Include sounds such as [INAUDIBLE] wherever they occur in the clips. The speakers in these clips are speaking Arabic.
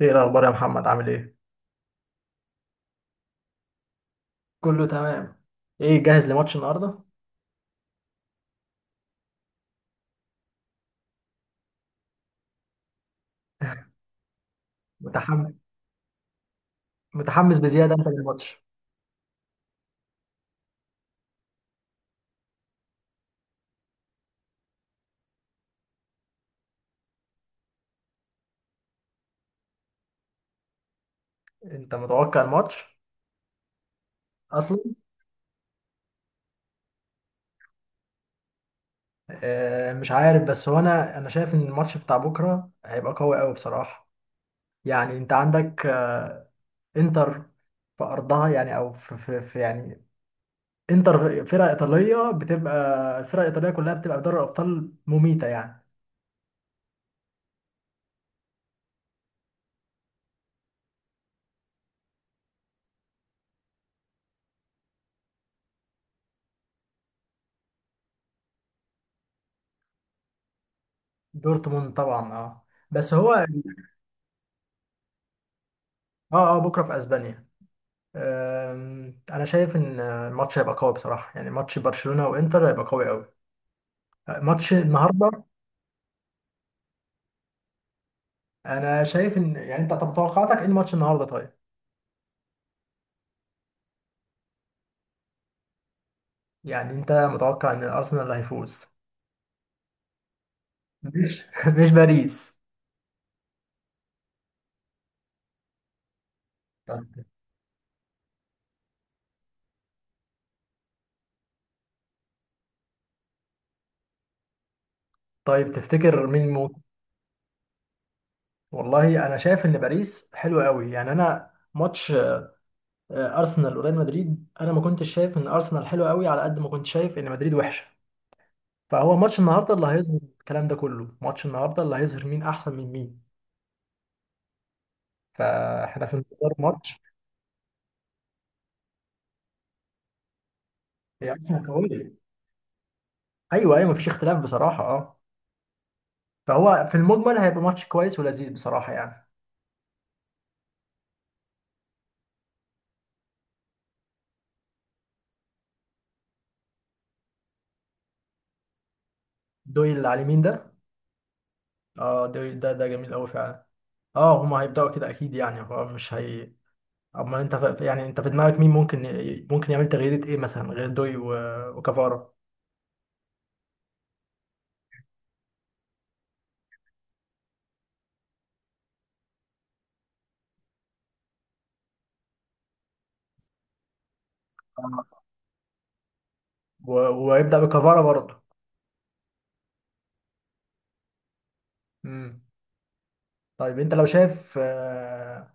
ايه الاخبار يا محمد؟ عامل ايه؟ كله تمام. ايه، جاهز لماتش النهارده؟ متحمس؟ متحمس بزياده انت للماتش؟ انت متوقع الماتش اصلا؟ آه مش عارف، بس هو انا شايف ان الماتش بتاع بكره هيبقى قوي قوي بصراحه. يعني انت عندك انتر في ارضها، يعني او في يعني انتر فرقه ايطاليه، بتبقى الفرق الايطاليه كلها بتبقى في دوري الابطال مميته يعني. دورتموند طبعا، اه. بس هو اه. اه، بكره في اسبانيا. انا شايف ان الماتش هيبقى قوي بصراحه، يعني ماتش برشلونه وانتر هيبقى قوي قوي. ماتش النهارده، انا شايف ان يعني انت، طب توقعاتك ايه الماتش النهارده؟ طيب، يعني انت متوقع ان الارسنال اللي هيفوز؟ مش [LAUGHS] مش باريس؟ طب- طيب تفتكر مين ممكن؟ والله انا شايف ان باريس حلو قوي، يعني انا ماتش ارسنال وريال مدريد، انا ما كنتش شايف ان ارسنال حلو قوي على قد ما كنت شايف ان مدريد وحشه. فهو ماتش النهارده اللي هيظهر الكلام ده كله، ماتش النهارده اللي هيظهر مين احسن من مين. فاحنا في انتظار ماتش. يعني قوية. ايوه ايوه، مفيش اختلاف بصراحه، اه. فهو في المجمل هيبقى ماتش كويس ولذيذ بصراحه يعني. دويل اللي على اليمين ده؟ اه، دويل ده ده جميل قوي فعلا. اه هما هيبداوا كده اكيد يعني، هو مش هي. اما انت يعني انت في دماغك مين ممكن ممكن يعمل تغييرات ايه مثلا غير دوي وكفارة؟ آه. ويبدا بكفارة برضه. امم. طيب انت لو شايف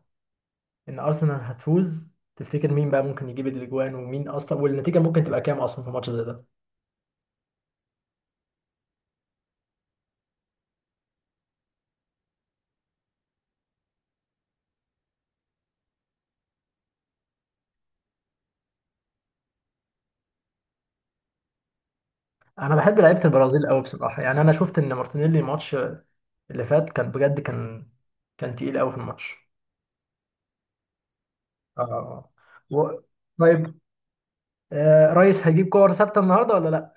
ان ارسنال هتفوز، تفتكر مين بقى ممكن يجيب الاجوان، ومين اصلا، والنتيجه ممكن تبقى كام اصلا في ماتش زي ده؟ انا بحب لعيبه البرازيل قوي بصراحه، يعني انا شفت ان مارتينيلي الماتش اللي فات كان بجد، كان كان تقيل قوي في الماتش. اه. و... طيب، آه رئيس هيجيب كور ثابته النهارده ولا لا؟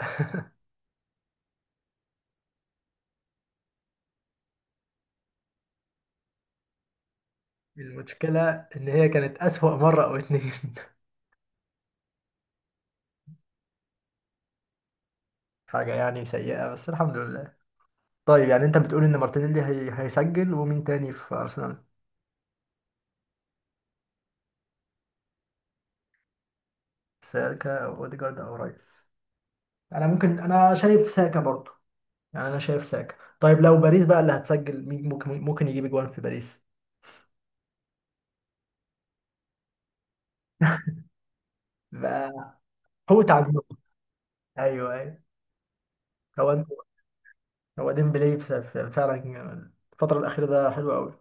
المشكله ان هي كانت اسوأ مره او اتنين. [LAUGHS] حاجه يعني سيئه، بس الحمد لله. طيب يعني انت بتقول ان مارتينيلي هيسجل، ومين تاني في ارسنال؟ ساكا أو اوديجارد او رئيس؟ انا ممكن، انا شايف ساكا برضو. يعني انا شايف ساكا. طيب لو باريس بقى اللي هتسجل، مين ممكن، ممكن يجيب جوان في باريس؟ بقى هو تعجبني. ايوه ايوه. هو انت؟ هو ديمبلي فعلا الفتره الاخيره ده حلو قوي.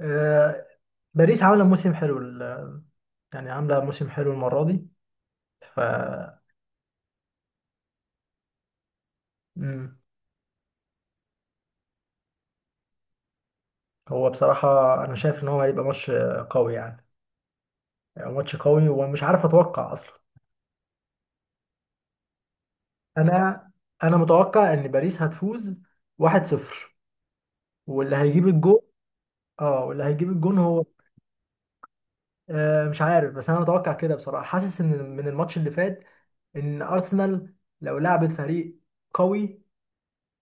آه، باريس عامله موسم حلو، يعني عامله موسم حلو المره دي، ف… مم. هو بصراحه انا شايف ان هو هيبقى ماتش قوي، يعني ماتش قوي ومش عارف اتوقع اصلا. انا، انا متوقع ان باريس هتفوز 1-0، واللي هيجيب الجول، اه، واللي هيجيب الجون هو. آه مش عارف، بس انا متوقع كده بصراحه. حاسس ان من الماتش اللي فات ان ارسنال لو لعبت فريق قوي،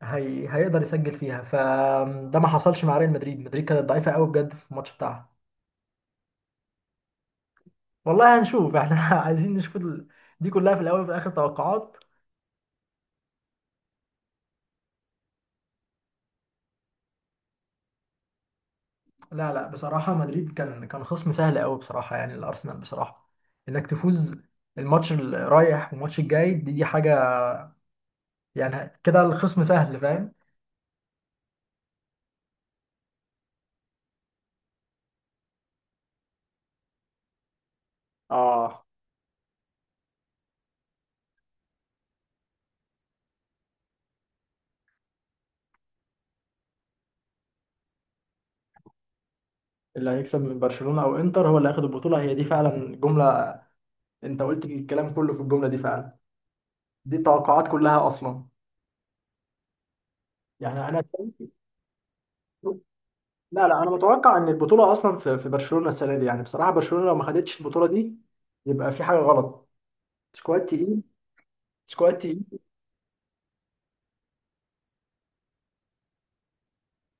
هيقدر يسجل فيها، فده ما حصلش مع ريال مدريد. مدريد كانت ضعيفه قوي بجد في الماتش بتاعها. والله هنشوف. [LAUGHS] احنا عايزين نشوف دي كلها في الاول وفي الاخر توقعات. لا لا بصراحه، مدريد كان كان خصم سهل قوي بصراحه، يعني الارسنال بصراحه انك تفوز الماتش الرايح والماتش الجاي، دي حاجه. يعني كده الخصم سهل، فاهم. اه. اللي هيكسب من برشلونة او انتر هو اللي هياخد البطولة، هي دي فعلا جملة. انت قلت الكلام كله في الجملة دي فعلا. دي التوقعات كلها اصلا. يعني انا شايف- لا لا، انا متوقع ان البطولة اصلا في في برشلونة السنة دي. يعني بصراحة برشلونة لو ما خدتش البطولة دي، يبقى في حاجة غلط. سكواد تقيل. سكواد تقيل.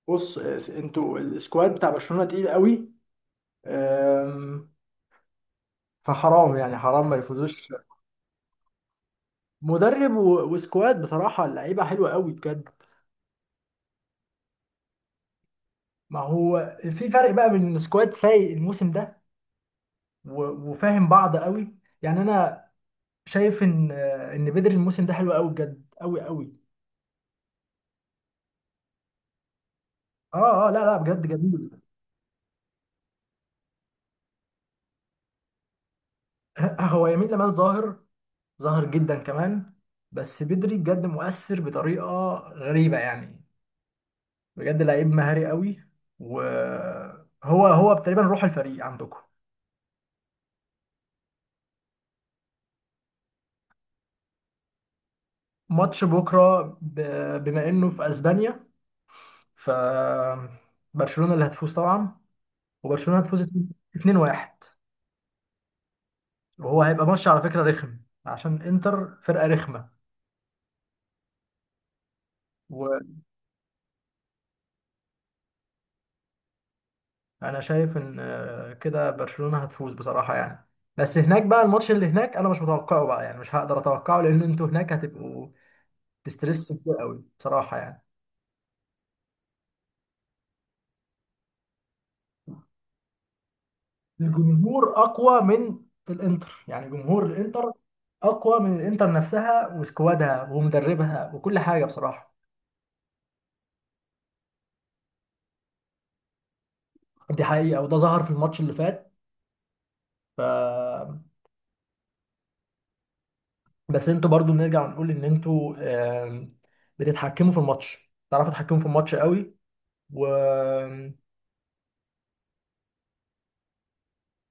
بص انتوا السكواد بتاع برشلونة تقيل قوي. آم، فحرام يعني، حرام ما يفوزوش. مدرب وسكواد بصراحة، اللعيبة حلوة قوي بجد. ما هو في فرق بقى بين سكواد فايق الموسم ده، وفاهم بعض قوي. يعني انا شايف ان ان بدري الموسم ده حلو قوي بجد، قوي قوي. اه اه، لا لا بجد جميل. [LAUGHS] هو يمين لمال ظاهر، ظاهر جدا كمان. بس بدري بجد مؤثر بطريقة غريبة يعني. بجد لعيب مهاري قوي. وهو هو تقريبا روح الفريق عندكم. ماتش بكرة، بما انه في اسبانيا ف… برشلونة اللي هتفوز طبعا. وبرشلونة هتفوز 2-1، وهو هيبقى ماتش على فكرة رخم، عشان انتر فرقة رخمة. وانا شايف ان كده برشلونة هتفوز بصراحة يعني. بس هناك بقى، الماتش اللي هناك انا مش متوقعه بقى، يعني مش هقدر اتوقعه، لان انتوا هناك هتبقوا في ستريس كتير قوي بصراحة يعني. الجمهور اقوى من الانتر، يعني جمهور الانتر اقوى من الانتر نفسها وسكوادها ومدربها وكل حاجة بصراحة. دي حقيقة، وده ظهر في الماتش اللي فات، ف… بس انتوا برضو نرجع نقول ان انتوا آم، بتتحكموا في الماتش، تعرفوا تتحكموا في الماتش قوي. و…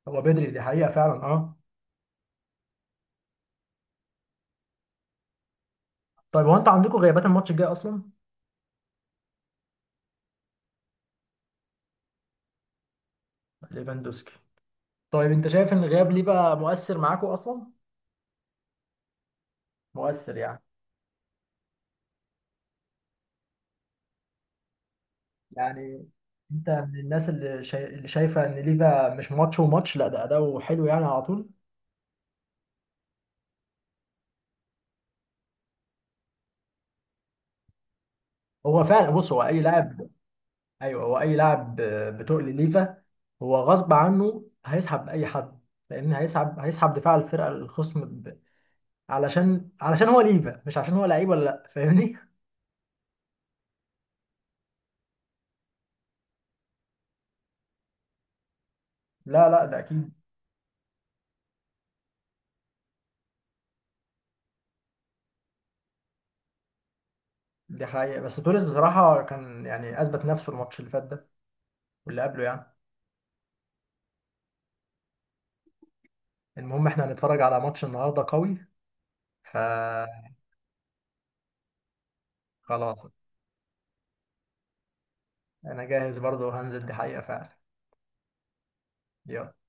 هو بدري، دي حقيقة فعلا، اه. طيب هو انتوا عندكم غيابات الماتش الجاي اصلا؟ ليفاندوسكي. طيب انت شايف ان الغياب ليه بقى مؤثر معاكم اصلا؟ مؤثر يعني. يعني انت من الناس اللي، اللي شايفة ان ليفا مش ماتش وماتش، لا ده اداؤه حلو يعني على طول. هو فعلا، بص، هو اي لاعب. ايوه، هو اي لاعب بتقل ليفا هو غصب عنه هيسحب اي حد، لان هيسحب، هيسحب دفاع الفرقه الخصم علشان هو ليفا، مش عشان هو لعيب ولا لا، فاهمني. [LAUGHS] لا لا، ده اكيد. دي حقيقه، بس توريس بصراحه كان يعني اثبت نفسه الماتش اللي فات ده واللي قبله يعني. المهم احنا هنتفرج على ماتش النهارده قوي، فخلاص. انا جاهز برضه وهنزل، دي حقيقه فعلا. يلا.